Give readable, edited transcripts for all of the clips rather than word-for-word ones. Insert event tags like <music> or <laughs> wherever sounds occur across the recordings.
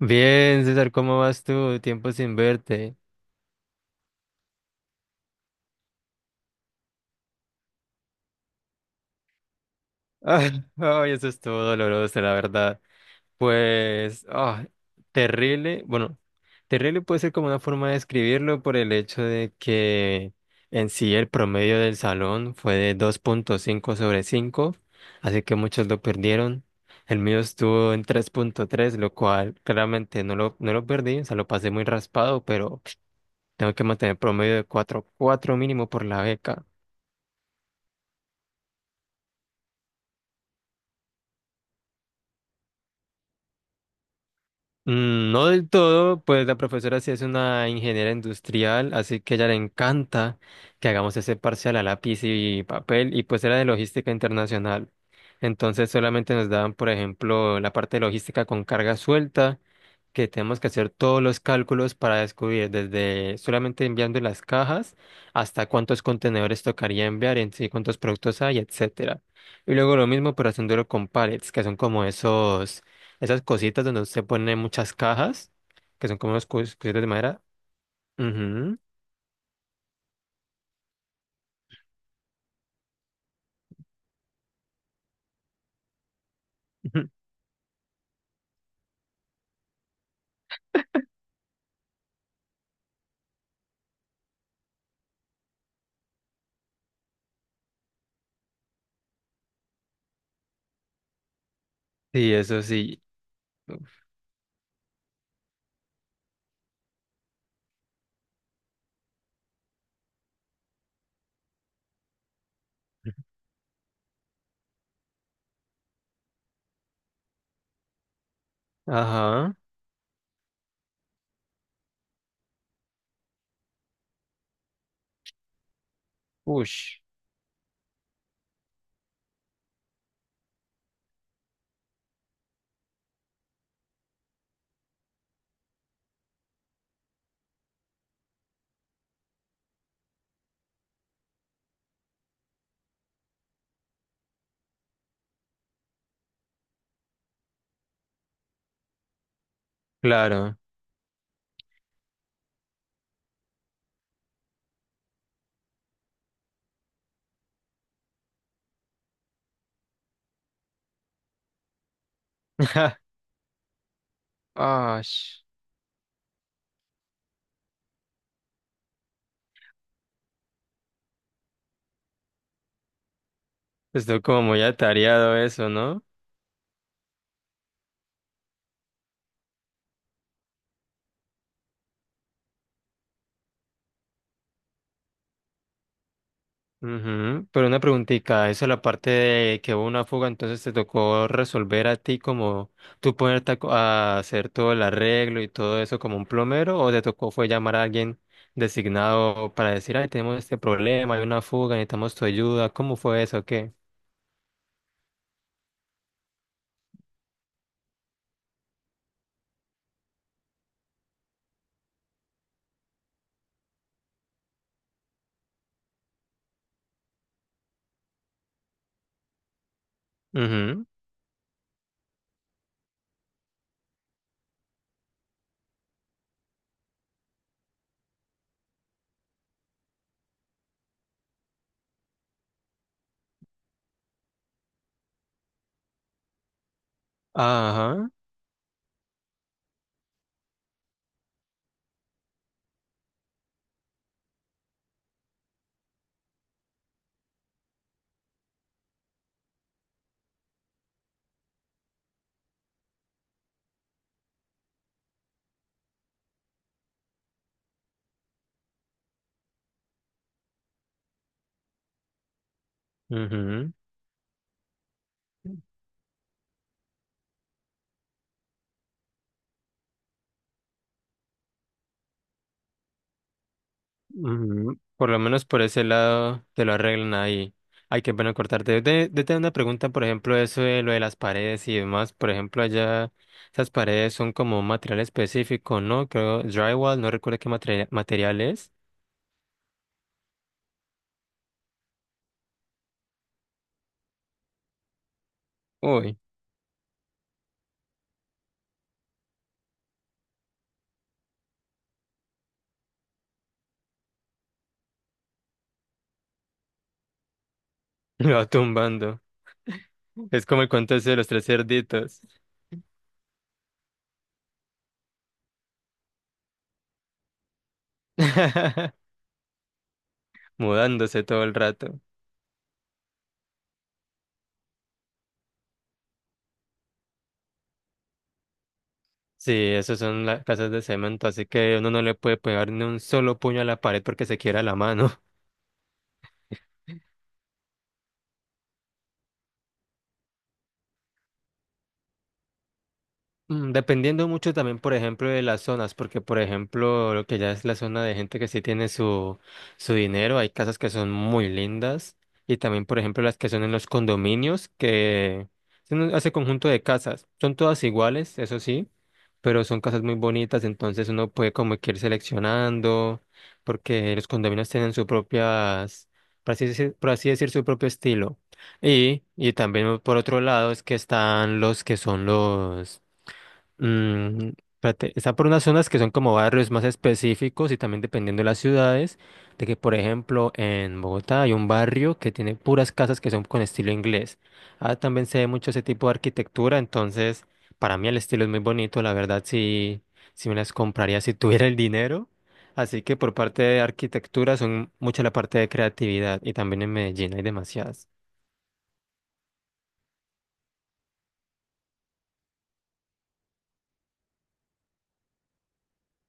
Bien, César, ¿cómo vas tú? Tiempo sin verte. <laughs> Ay, ay, eso estuvo doloroso, la verdad. Pues, terrible. Bueno, terrible puede ser como una forma de describirlo por el hecho de que en sí el promedio del salón fue de 2,5 sobre 5, así que muchos lo perdieron. El mío estuvo en 3,3, lo cual claramente no lo perdí, o sea, lo pasé muy raspado, pero tengo que mantener promedio de 4,4 mínimo por la beca. No del todo, pues la profesora sí es una ingeniera industrial, así que a ella le encanta que hagamos ese parcial a lápiz y papel, y pues era de logística internacional. Entonces solamente nos daban, por ejemplo, la parte de logística con carga suelta, que tenemos que hacer todos los cálculos para descubrir desde solamente enviando las cajas hasta cuántos contenedores tocaría enviar en sí, cuántos productos hay, etcétera. Y luego lo mismo, pero haciéndolo con pallets, que son como esos esas cositas donde usted pone muchas cajas, que son como unas cositas de madera. Ujú. <laughs> Sí, eso sí. Ajá. Ush. Claro. <laughs> Ash. Estuvo como muy atareado eso, ¿no? Ujú, pero una preguntita, eso es la parte de que hubo una fuga, entonces te tocó resolver a ti como tú ponerte a, a hacer todo el arreglo y todo eso como un plomero, o te tocó fue llamar a alguien designado para decir, ay, tenemos este problema, hay una fuga, necesitamos tu ayuda. ¿Cómo fue eso? ¿Qué? Ujú. Ajá. Ujú. Por lo menos por ese lado te lo arreglan ahí. Hay que bueno cortarte. De tener una pregunta, por ejemplo, eso de lo de las paredes y demás. Por ejemplo, allá esas paredes son como un material específico, ¿no? Creo drywall, no recuerdo qué material es. Uy. <laughs> Lo va tumbando. Es como el cuento ese de los tres cerditos. <laughs> Mudándose todo el rato. Sí, esas son las casas de cemento, así que uno no le puede pegar ni un solo puño a la pared porque se quiera la mano. Dependiendo mucho también, por ejemplo, de las zonas, porque, por ejemplo, lo que ya es la zona de gente que sí tiene su, su dinero, hay casas que son muy lindas, y también, por ejemplo, las que son en los condominios, que son ese conjunto de casas, son todas iguales, eso sí, pero son casas muy bonitas, entonces uno puede como que ir seleccionando, porque los condominios tienen su propias, por así decir, su propio estilo. Y también por otro lado es que están los que son los Mm, espérate, está por unas zonas que son como barrios más específicos y también dependiendo de las ciudades, de que por ejemplo en Bogotá hay un barrio que tiene puras casas que son con estilo inglés. Ah, también se ve mucho ese tipo de arquitectura, entonces para mí el estilo es muy bonito, la verdad sí, sí me las compraría si <laughs> tuviera el dinero. Así que por parte de arquitectura son mucha la parte de creatividad y también en Medellín hay demasiadas.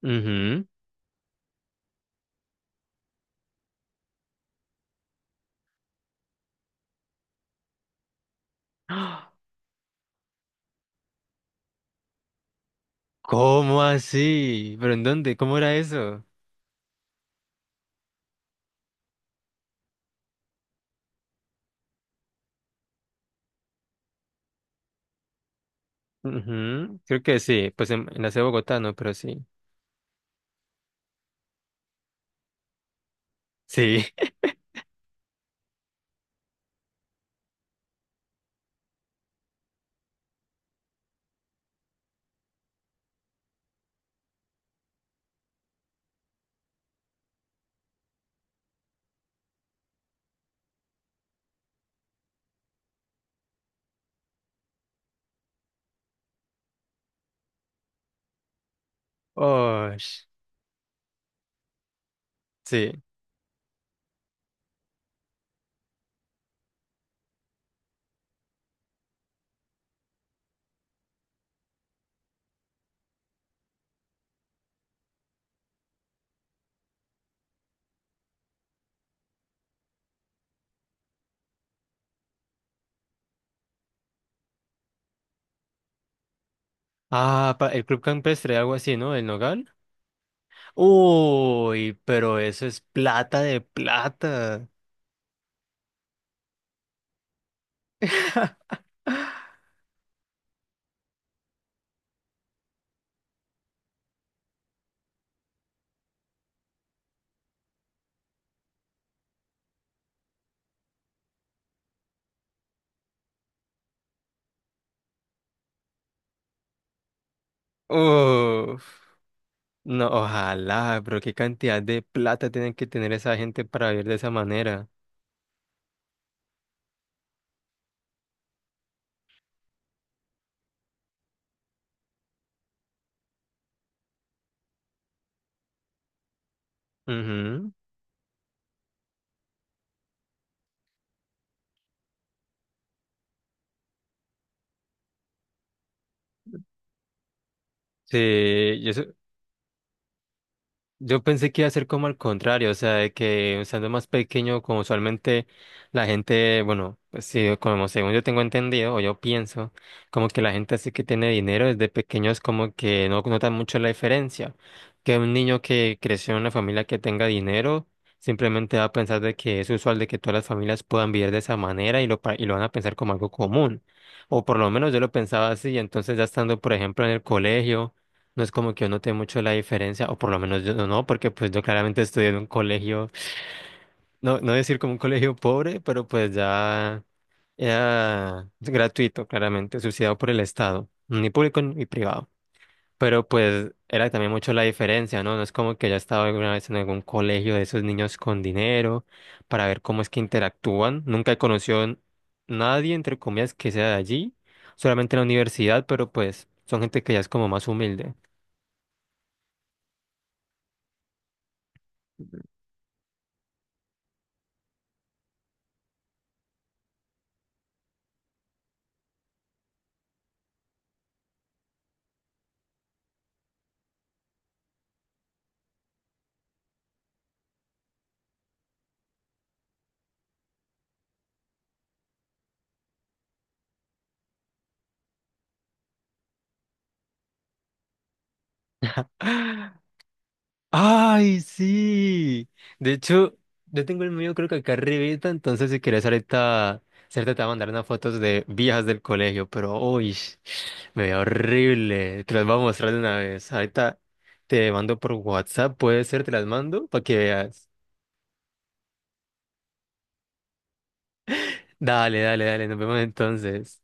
Ujú. <gasps> ¡Ah! ¿Cómo así? ¿Pero en dónde? ¿Cómo era eso? Ujú, creo que sí, pues en la ciudad de Bogotá no, pero sí. Sí. <laughs> Oh, sí. Ah, pa- el Club Campestre, algo así, ¿no? El Nogal. Uy, pero eso es plata de plata. <laughs> Uf, no, ojalá, pero qué cantidad de plata tienen que tener esa gente para vivir de esa manera. Ujú. Sí, yo pensé que iba a ser como al contrario, o sea, de que siendo más pequeño, como usualmente la gente, bueno, pues sí, como según yo tengo entendido, o yo pienso, como que la gente así que tiene dinero desde pequeños como que no nota mucho la diferencia. Que un niño que creció en una familia que tenga dinero, simplemente va a pensar de que es usual de que todas las familias puedan vivir de esa manera y lo, pa- y lo van a pensar como algo común. O por lo menos yo lo pensaba así, entonces ya estando, por ejemplo, en el colegio. No es como que yo noté mucho la diferencia, o por lo menos yo no, porque pues yo claramente estudié en un colegio, no decir como un colegio pobre, pero pues ya era gratuito, claramente, subsidiado por el Estado, ni público ni privado. Pero pues era también mucho la diferencia, ¿no? No es como que ya estaba alguna vez en algún colegio de esos niños con dinero para ver cómo es que interactúan. Nunca he conocido nadie, entre comillas, que sea de allí, solamente en la universidad, pero pues son gente que ya es como más humilde. <laughs> ¡Ay, sí! De hecho, yo tengo el mío creo que acá arribita, entonces si quieres ahorita, cierto, te voy a mandar unas fotos de viejas del colegio, pero uy, me veo horrible. Te las voy a mostrar de una vez. Ahorita te mando por WhatsApp, puede ser, te las mando para que veas. Dale, dale, dale, nos vemos entonces.